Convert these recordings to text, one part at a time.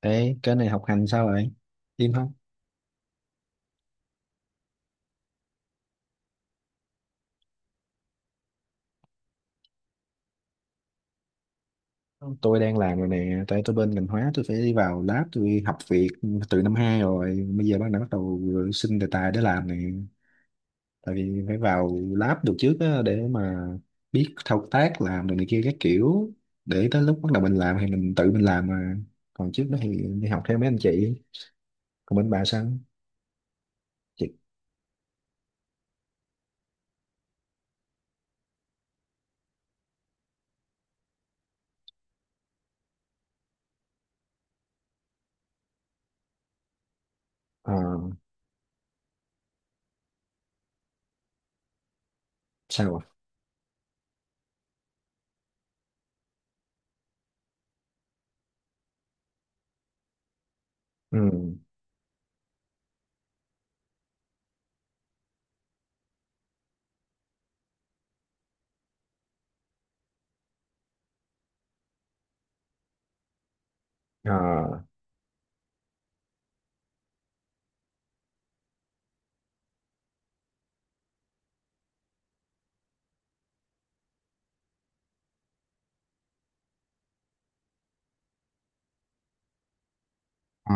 Ê, cái này học hành sao vậy? Im không? Tôi đang làm rồi nè, tại tôi bên ngành hóa tôi phải đi vào lab tôi học việc từ năm 2 rồi, bây giờ đã bắt đầu xin đề tài để làm nè. Tại vì phải vào lab được trước á, để mà biết thao tác làm rồi này kia các kiểu, để tới lúc bắt đầu mình làm thì mình tự mình làm mà. Còn trước đó thì đi học theo mấy anh chị. Còn bên bà sao? Chị ờ, sao ạ? Ừ. Ờ ờ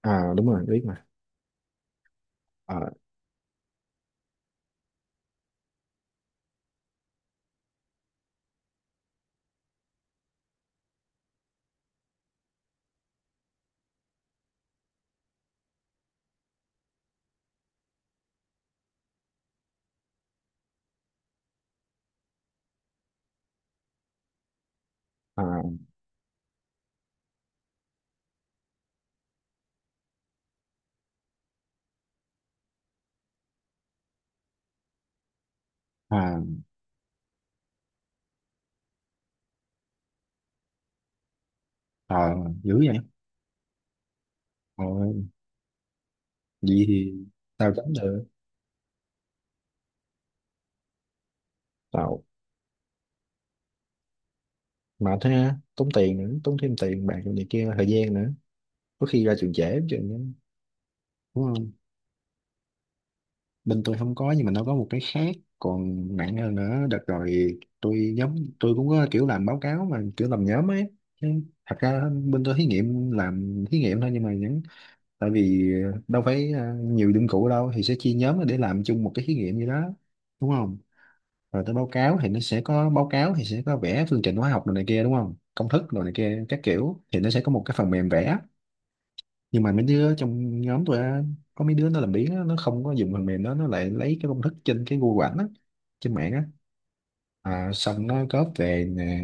ờ, đúng rồi, biết mà. Ờ ờ ờ. Ờ, dữ vậy. Ờ, vậy thì tao tránh được. Tao mà thế á, tốn tiền nữa, tốn thêm tiền bạc này kia, thời gian nữa. Có khi ra trường trễ chừng á. Đúng không? Bên tôi không có, nhưng mà nó có một cái khác còn nặng hơn nữa. Đợt rồi tôi nhóm tôi cũng có kiểu làm báo cáo mà kiểu làm nhóm ấy. Chứ thật ra bên tôi thí nghiệm, làm thí nghiệm thôi, nhưng mà vẫn tại vì đâu phải à, nhiều dụng cụ đâu thì sẽ chia nhóm để làm chung một cái thí nghiệm gì đó, đúng không? Rồi tới báo cáo thì nó sẽ có báo cáo, thì sẽ có vẽ phương trình hóa học đồ này kia, đúng không, công thức rồi này kia các kiểu, thì nó sẽ có một cái phần mềm vẽ. Nhưng mà mấy đứa trong nhóm tôi á, có mấy đứa nó làm biếng á, nó không có dùng phần mềm đó, nó lại lấy cái công thức trên cái Google ảnh á, trên mạng á. À, xong nó cóp về nè,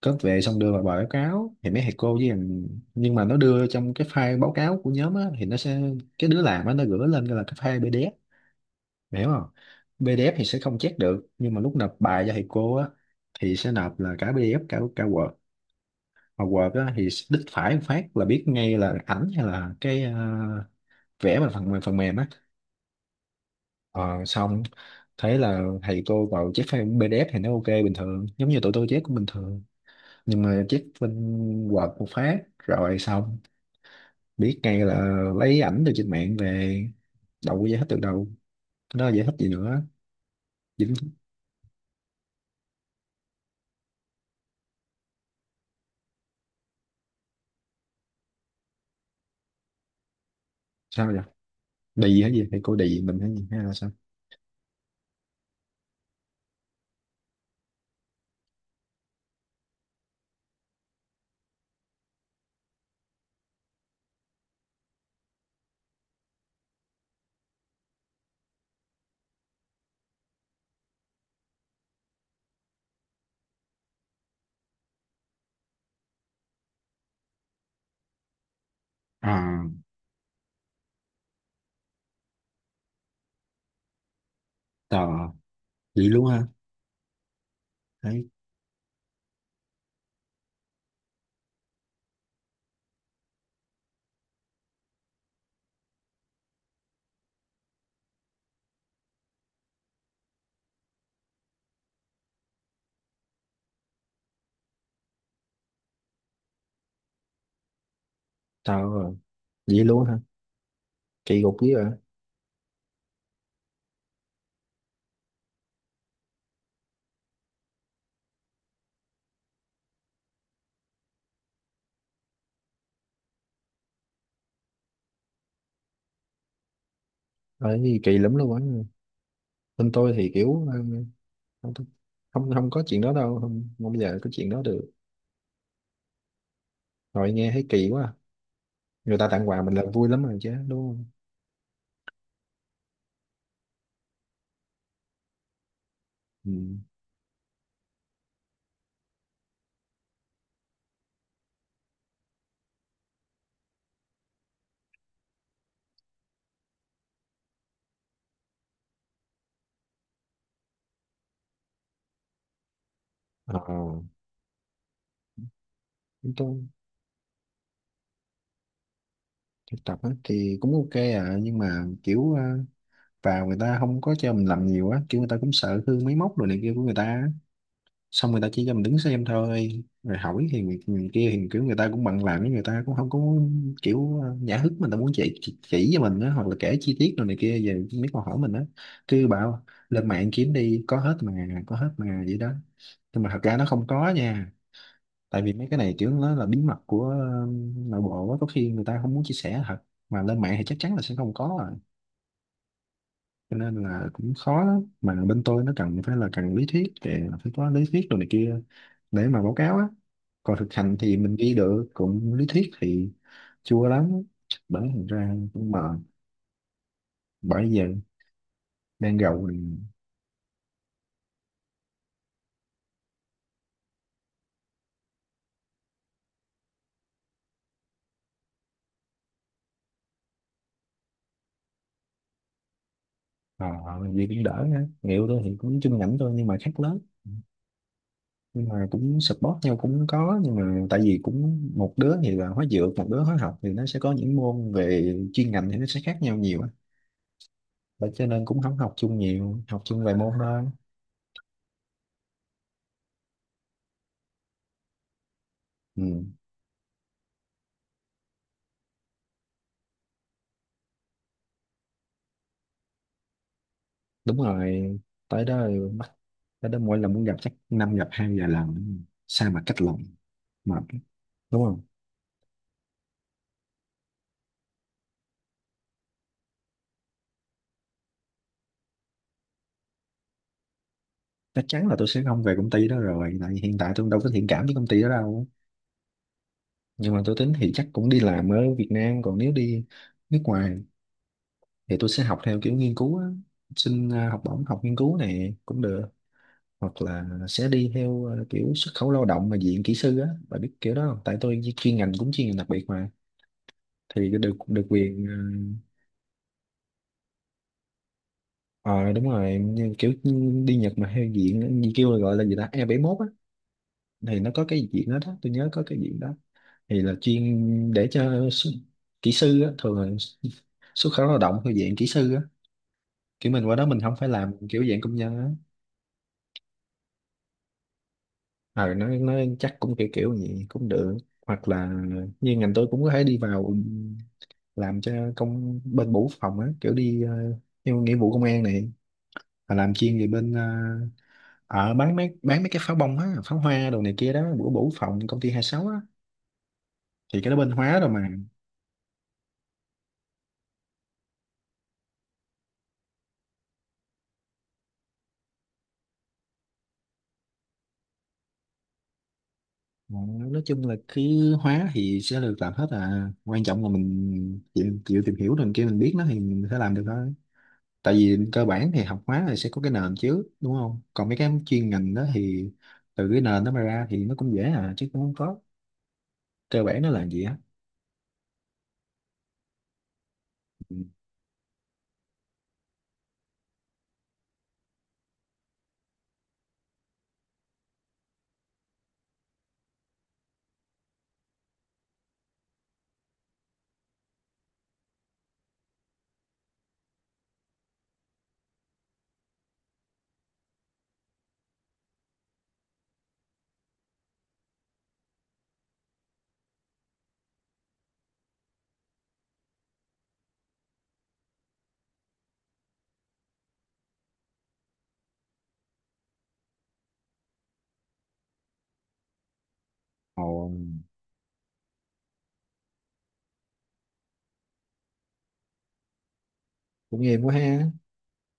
cóp về xong đưa vào bài báo cáo thì mấy thầy cô với thằng- nhưng mà nó đưa trong cái file báo cáo của nhóm á thì nó sẽ, cái đứa làm á nó gửi lên là cái file PDF. Mày hiểu không? PDF thì sẽ không check được, nhưng mà lúc nộp bài cho thầy cô á thì sẽ nộp là cả PDF cả cả Word, mà Word á thì đích phải một phát là biết ngay là ảnh hay là cái vẽ bằng phần mềm, phần mềm á. Ờ, xong thấy là thầy cô vào check file PDF thì nó ok bình thường, giống như tụi tôi check cũng bình thường, nhưng mà check bên Word một phát rồi xong biết ngay là lấy ảnh từ trên mạng về, đâu có giải thích được đâu. Cái đó giải thích gì nữa, dính. Sao vậy, đề gì gì thầy cô đề mình hay gì hay là sao? À, tao à? Vậy luôn hả? Đấy, tao à, vậy luôn hả? Kỳ cục dữ à? Đấy, kỳ lắm luôn á. Bên tôi thì kiểu ừ, không, không không có chuyện đó đâu, không, không bao giờ có chuyện đó được. Rồi nghe thấy kỳ quá à. Người ta tặng quà mình là vui lắm rồi chứ, đúng không? Ừ. Ờ, chúng tôi thực tập á, thì cũng ok à, nhưng mà kiểu à, vào người ta không có cho mình làm nhiều á, kiểu người ta cũng sợ hư máy móc rồi này kia của người ta. Xong người ta chỉ cho mình đứng xem thôi, rồi hỏi thì người, người kia thì kiểu người ta cũng bận làm, người ta cũng không có kiểu nhã hứng mình ta muốn chỉ cho mình đó, hoặc là kể chi tiết rồi này kia về mấy câu hỏi mình đó, cứ bảo lên mạng kiếm đi có hết mà, có hết mà, vậy đó. Nhưng mà thật ra nó không có nha, tại vì mấy cái này kiểu nó là bí mật của nội bộ á, có khi người ta không muốn chia sẻ thật, mà lên mạng thì chắc chắn là sẽ không có à. Cho nên là cũng khó lắm, mà bên tôi nó cần phải là cần lý thuyết thì phải có lý thuyết đồ này kia để mà báo cáo á, còn thực hành thì mình ghi được cũng lý thuyết thì chua lắm. Bởi thành ra cũng mệt, bởi giờ đang gầu thì ờ gì cũng đỡ ha. Nghèo tôi thì cũng chung ngành tôi nhưng mà khác lớn, nhưng mà cũng support nhau cũng có, nhưng mà tại vì cũng một đứa thì là hóa dược, một đứa hóa học, thì nó sẽ có những môn về chuyên ngành thì nó sẽ khác nhau nhiều á. Và cho nên cũng không học chung nhiều, học chung vài môn thôi. Ừ. Đúng rồi, tới đó bắt, tới đó mỗi lần muốn gặp chắc năm gặp hai vài lần, sao mà cách lòng mà, đúng không? Chắc chắn là tôi sẽ không về công ty đó rồi, tại vì hiện tại tôi đâu có thiện cảm với công ty đó đâu. Nhưng mà tôi tính thì chắc cũng đi làm ở Việt Nam, còn nếu đi nước ngoài thì tôi sẽ học theo kiểu nghiên cứu á, xin học bổng học nghiên cứu này cũng được, hoặc là sẽ đi theo kiểu xuất khẩu lao động mà diện kỹ sư á, bà biết kiểu đó không, tại tôi chuyên ngành cũng chuyên ngành đặc biệt mà, thì được, được quyền Ờ đúng rồi, như kiểu đi Nhật mà theo diện như kêu là gọi là gì ta e bảy mốt á, thì nó có cái diện đó, đó tôi nhớ có cái diện đó, thì là chuyên để cho s- kỹ sư á, thường là s- xuất khẩu lao động theo diện kỹ sư á, kiểu mình qua đó mình không phải làm kiểu dạng công nhân á. Ờ nó chắc cũng kiểu kiểu vậy cũng được, hoặc là như ngành tôi cũng có thể đi vào làm cho công bên bộ quốc phòng á, kiểu đi theo nghĩa vụ công an này, và làm chuyên về bên bán mấy, bán mấy cái pháo bông á, pháo hoa đồ này kia đó, bữa bủ phòng công ty 26 á, thì cái đó bên hóa rồi mà. Ờ, nói chung là cứ hóa thì sẽ được làm hết à, quan trọng là mình chịu, chịu tìm hiểu rồi kia mình biết nó thì mình sẽ làm được thôi. Tại vì cơ bản thì học hóa thì sẽ có cái nền chứ, đúng không, còn mấy cái chuyên ngành đó thì từ cái nền nó mà ra thì nó cũng dễ à, chứ cũng không có cơ bản nó là gì á. Ừ. Ồ, cũng em quá ha.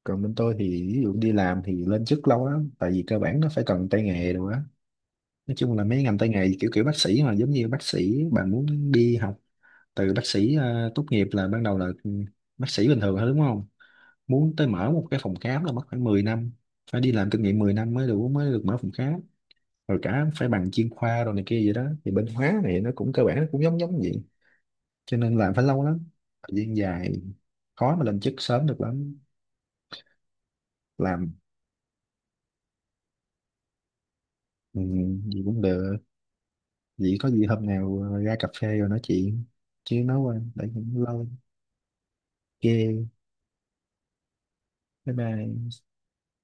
Còn bên tôi thì ví dụ đi làm thì lên chức lâu lắm, tại vì cơ bản nó phải cần tay nghề đồ á. Nói chung là mấy ngành tay nghề kiểu kiểu bác sĩ, mà giống như bác sĩ bạn muốn đi học từ bác sĩ tốt nghiệp là ban đầu là bác sĩ bình thường thôi, đúng không, muốn tới mở một cái phòng khám là mất khoảng 10 năm, phải đi làm kinh nghiệm 10 năm mới đủ mới được mở phòng khám, rồi cả phải bằng chuyên khoa rồi này kia vậy đó, thì bên hóa này nó cũng cơ bản nó cũng giống giống vậy. Cho nên làm phải lâu lắm, thời gian dài, khó mà lên chức sớm được lắm. Làm ừ, gì cũng được. Vậy có gì hôm nào ra cà phê rồi nói chuyện, chứ nói qua để cũng lâu ghê. Bye bye.